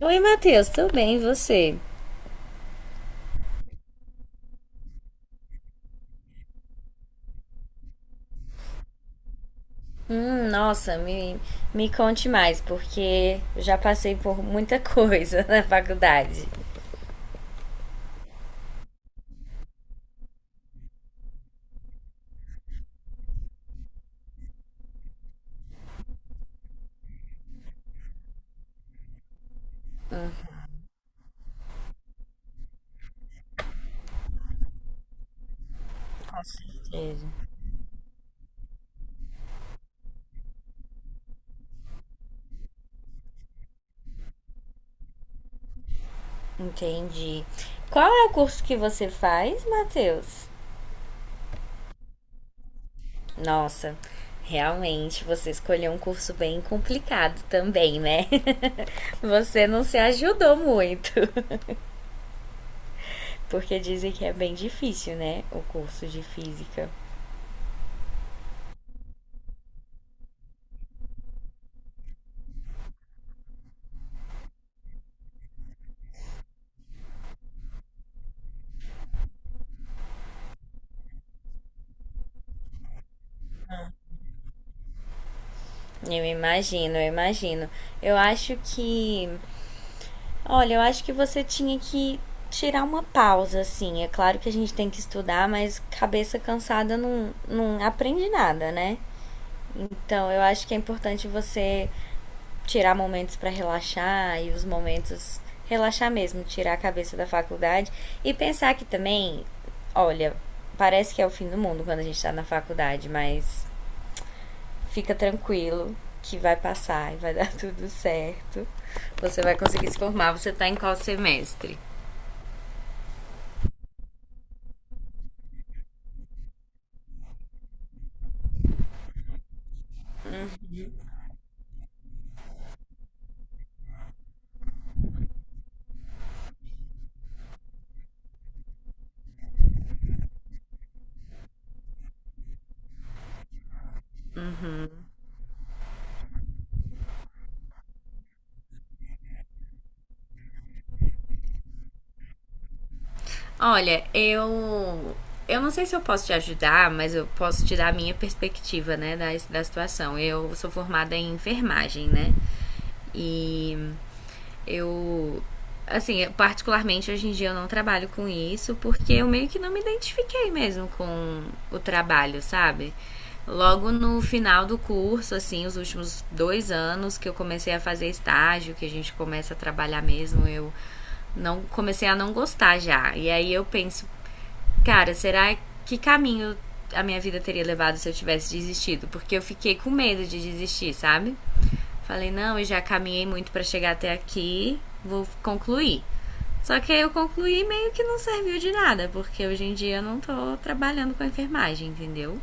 Oi, Matheus, tudo bem? E você? Nossa, me conte mais, porque eu já passei por muita coisa na faculdade. Com certeza. Entendi. Qual é o curso que você faz, Matheus? Nossa, realmente você escolheu um curso bem complicado também, né? Você não se ajudou muito, porque dizem que é bem difícil, né? O curso de física. Eu imagino, eu imagino. Eu acho que... Olha, eu acho que você tinha que tirar uma pausa, assim. É claro que a gente tem que estudar, mas cabeça cansada não aprende nada, né? Então, eu acho que é importante você tirar momentos para relaxar e os momentos relaxar mesmo, tirar a cabeça da faculdade e pensar que também, olha, parece que é o fim do mundo quando a gente tá na faculdade, mas fica tranquilo que vai passar e vai dar tudo certo. Você vai conseguir se formar. Você tá em qual semestre? Olha, eu... Eu não sei se eu posso te ajudar, mas eu posso te dar a minha perspectiva, né, da situação. Eu sou formada em enfermagem, né? E eu... Assim, eu, particularmente hoje em dia eu não trabalho com isso porque eu meio que não me identifiquei mesmo com o trabalho, sabe? Logo no final do curso, assim, os últimos dois anos que eu comecei a fazer estágio, que a gente começa a trabalhar mesmo, eu não comecei a não gostar já. E aí eu penso, cara, será que caminho a minha vida teria levado se eu tivesse desistido? Porque eu fiquei com medo de desistir, sabe? Falei, não, eu já caminhei muito para chegar até aqui, vou concluir. Só que aí eu concluí meio que não serviu de nada, porque hoje em dia eu não tô trabalhando com a enfermagem, entendeu?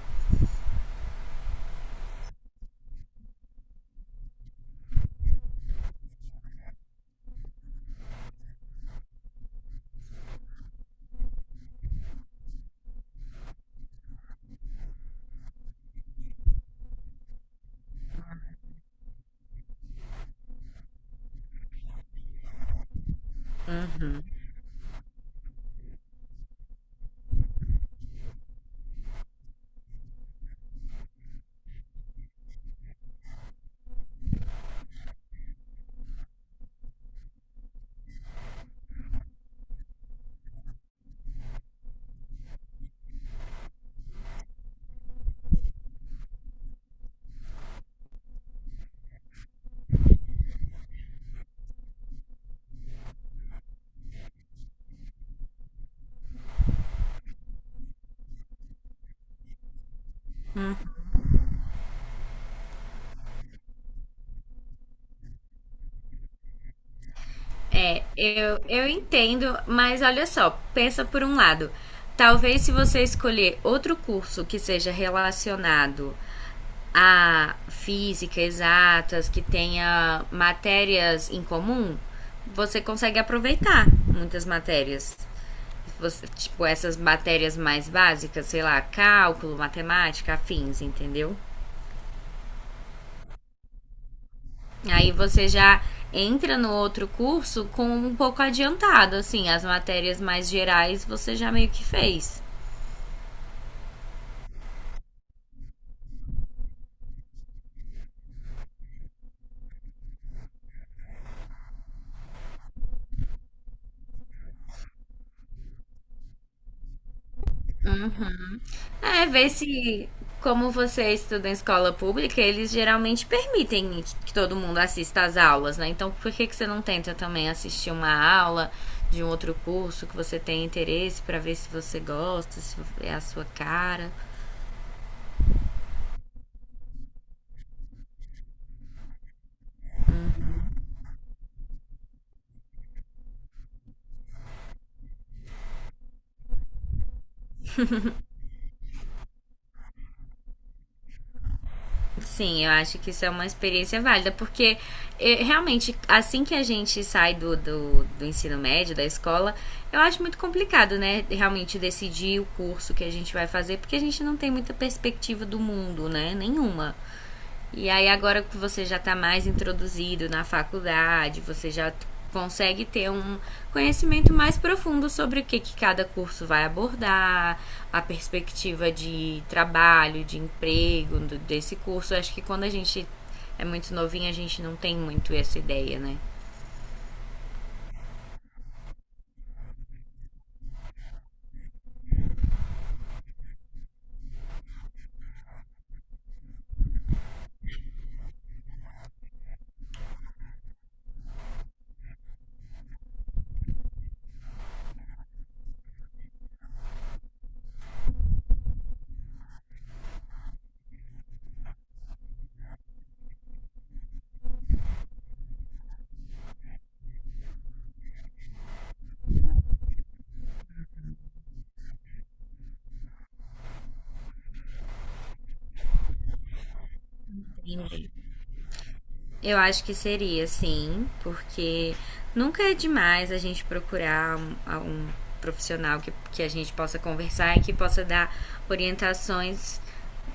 É, eu entendo, mas olha só, pensa por um lado. Talvez se você escolher outro curso que seja relacionado a física, exatas, que tenha matérias em comum, você consegue aproveitar muitas matérias. Você... tipo, essas matérias mais básicas, sei lá, cálculo, matemática, afins, entendeu? Aí você já entra no outro curso com um pouco adiantado, assim, as matérias mais gerais você já meio que fez. É, ver se, como você estuda em escola pública, eles geralmente permitem que... que todo mundo assista às aulas, né? Então, por que que você não tenta também assistir uma aula de um outro curso que você tem interesse pra ver se você gosta, se é a sua cara? Sim, eu acho que isso é uma experiência válida, porque realmente, assim que a gente sai do ensino médio, da escola, eu acho muito complicado, né? Realmente decidir o curso que a gente vai fazer, porque a gente não tem muita perspectiva do mundo, né? Nenhuma. E aí agora que você já está mais introduzido na faculdade, você já consegue ter um conhecimento mais profundo sobre o que que cada curso vai abordar, a perspectiva de trabalho, de emprego do... desse curso. Eu acho que quando a gente é muito novinho, a gente não tem muito essa ideia, né? Eu acho que seria, sim, porque nunca é demais a gente procurar um profissional que a gente possa conversar e que possa dar orientações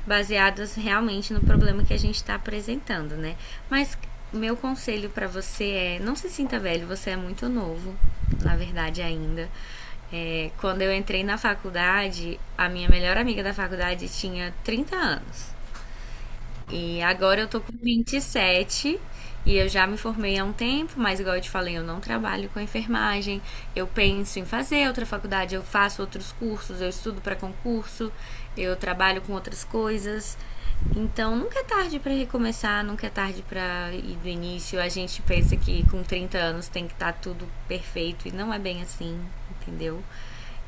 baseadas realmente no problema que a gente está apresentando, né? Mas meu conselho para você é: não se sinta velho, você é muito novo, na verdade, ainda. É, quando eu entrei na faculdade, a minha melhor amiga da faculdade tinha 30 anos. E agora eu tô com 27, e eu já me formei há um tempo, mas igual eu te falei, eu não trabalho com enfermagem. Eu penso em fazer outra faculdade, eu faço outros cursos, eu estudo para concurso, eu trabalho com outras coisas. Então nunca é tarde para recomeçar, nunca é tarde para ir do início. A gente pensa que com 30 anos tem que estar, tá tudo perfeito, e não é bem assim, entendeu?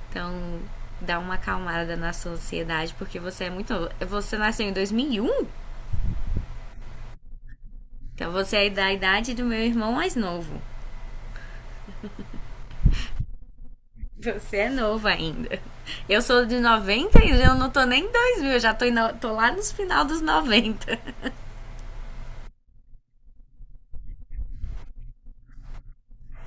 Então dá uma acalmada na sociedade porque você é muito novo. Você nasceu em 2001. Então você é da idade do meu irmão mais novo. Você é novo ainda. Eu sou de 90 e eu não tô nem em 2000. Eu já tô, tô lá nos final dos noventa.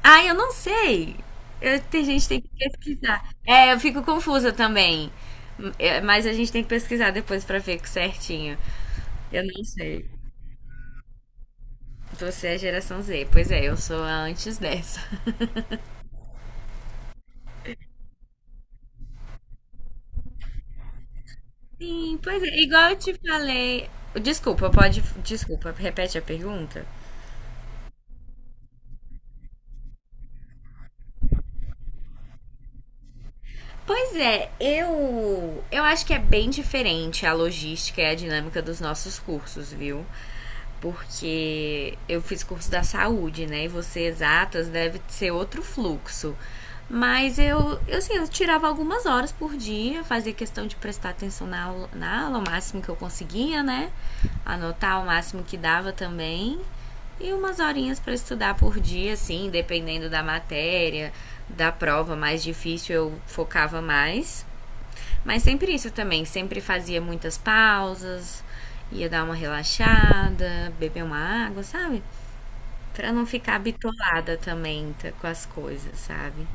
Ah, eu não sei. Eu, tem gente que tem que pesquisar. É, eu fico confusa também. É, mas a gente tem que pesquisar depois pra ver certinho. Eu não sei. Você é geração Z. Pois é, eu sou a antes dessa. Sim, pois é. Igual eu te falei. Desculpa, pode. Desculpa, repete a pergunta. Pois é, eu acho que é bem diferente a logística e a dinâmica dos nossos cursos, viu? Porque eu fiz curso da saúde, né? E você exatas deve ser outro fluxo. Mas eu, assim, eu tirava algumas horas por dia, fazia questão de prestar atenção na aula, o máximo que eu conseguia, né? Anotar o máximo que dava também. E umas horinhas para estudar por dia, assim, dependendo da matéria, da prova mais difícil eu focava mais. Mas sempre isso também, sempre fazia muitas pausas, ia dar uma relaxada, beber uma água, sabe? Pra não ficar bitolada também, tá, com as coisas, sabe?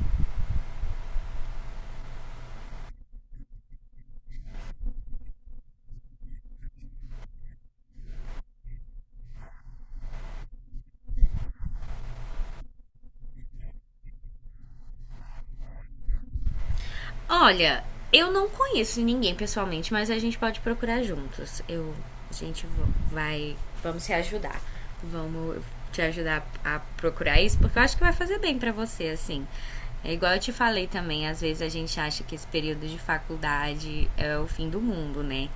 Olha, eu não conheço ninguém pessoalmente, mas a gente pode procurar juntos. A gente vai, vamos se ajudar. Vamos te ajudar a procurar isso, porque eu acho que vai fazer bem pra você, assim. É igual eu te falei também, às vezes a gente acha que esse período de faculdade é o fim do mundo, né?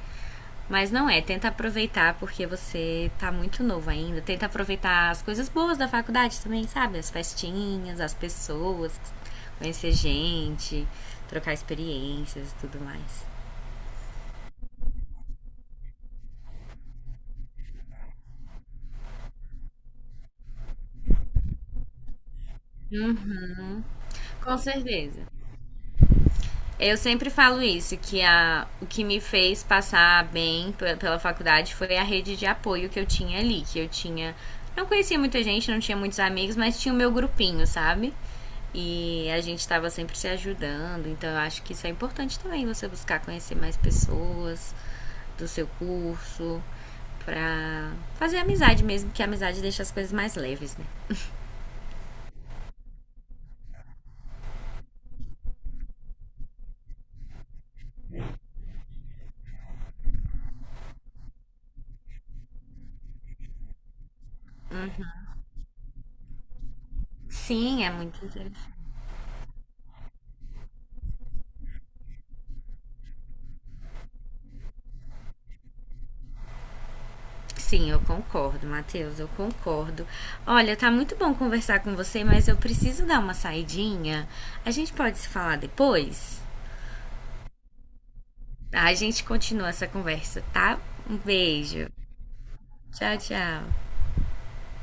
Mas não é, tenta aproveitar porque você tá muito novo ainda. Tenta aproveitar as coisas boas da faculdade também, sabe? As festinhas, as pessoas, conhecer gente, trocar experiências e tudo mais. Com certeza. Eu sempre falo isso, que a, o que me fez passar bem pela faculdade foi a rede de apoio que eu tinha ali, que eu tinha. Não conhecia muita gente, não tinha muitos amigos, mas tinha o meu grupinho, sabe? E a gente estava sempre se ajudando, então eu acho que isso é importante também, você buscar conhecer mais pessoas do seu curso, pra fazer amizade mesmo, que a amizade deixa as coisas mais leves, né? Sim, é muito interessante. Sim, eu concordo, Matheus, eu concordo. Olha, tá muito bom conversar com você, mas eu preciso dar uma saidinha. A gente pode se falar depois? Tá, a gente continua essa conversa, tá? Um beijo. Tchau, tchau.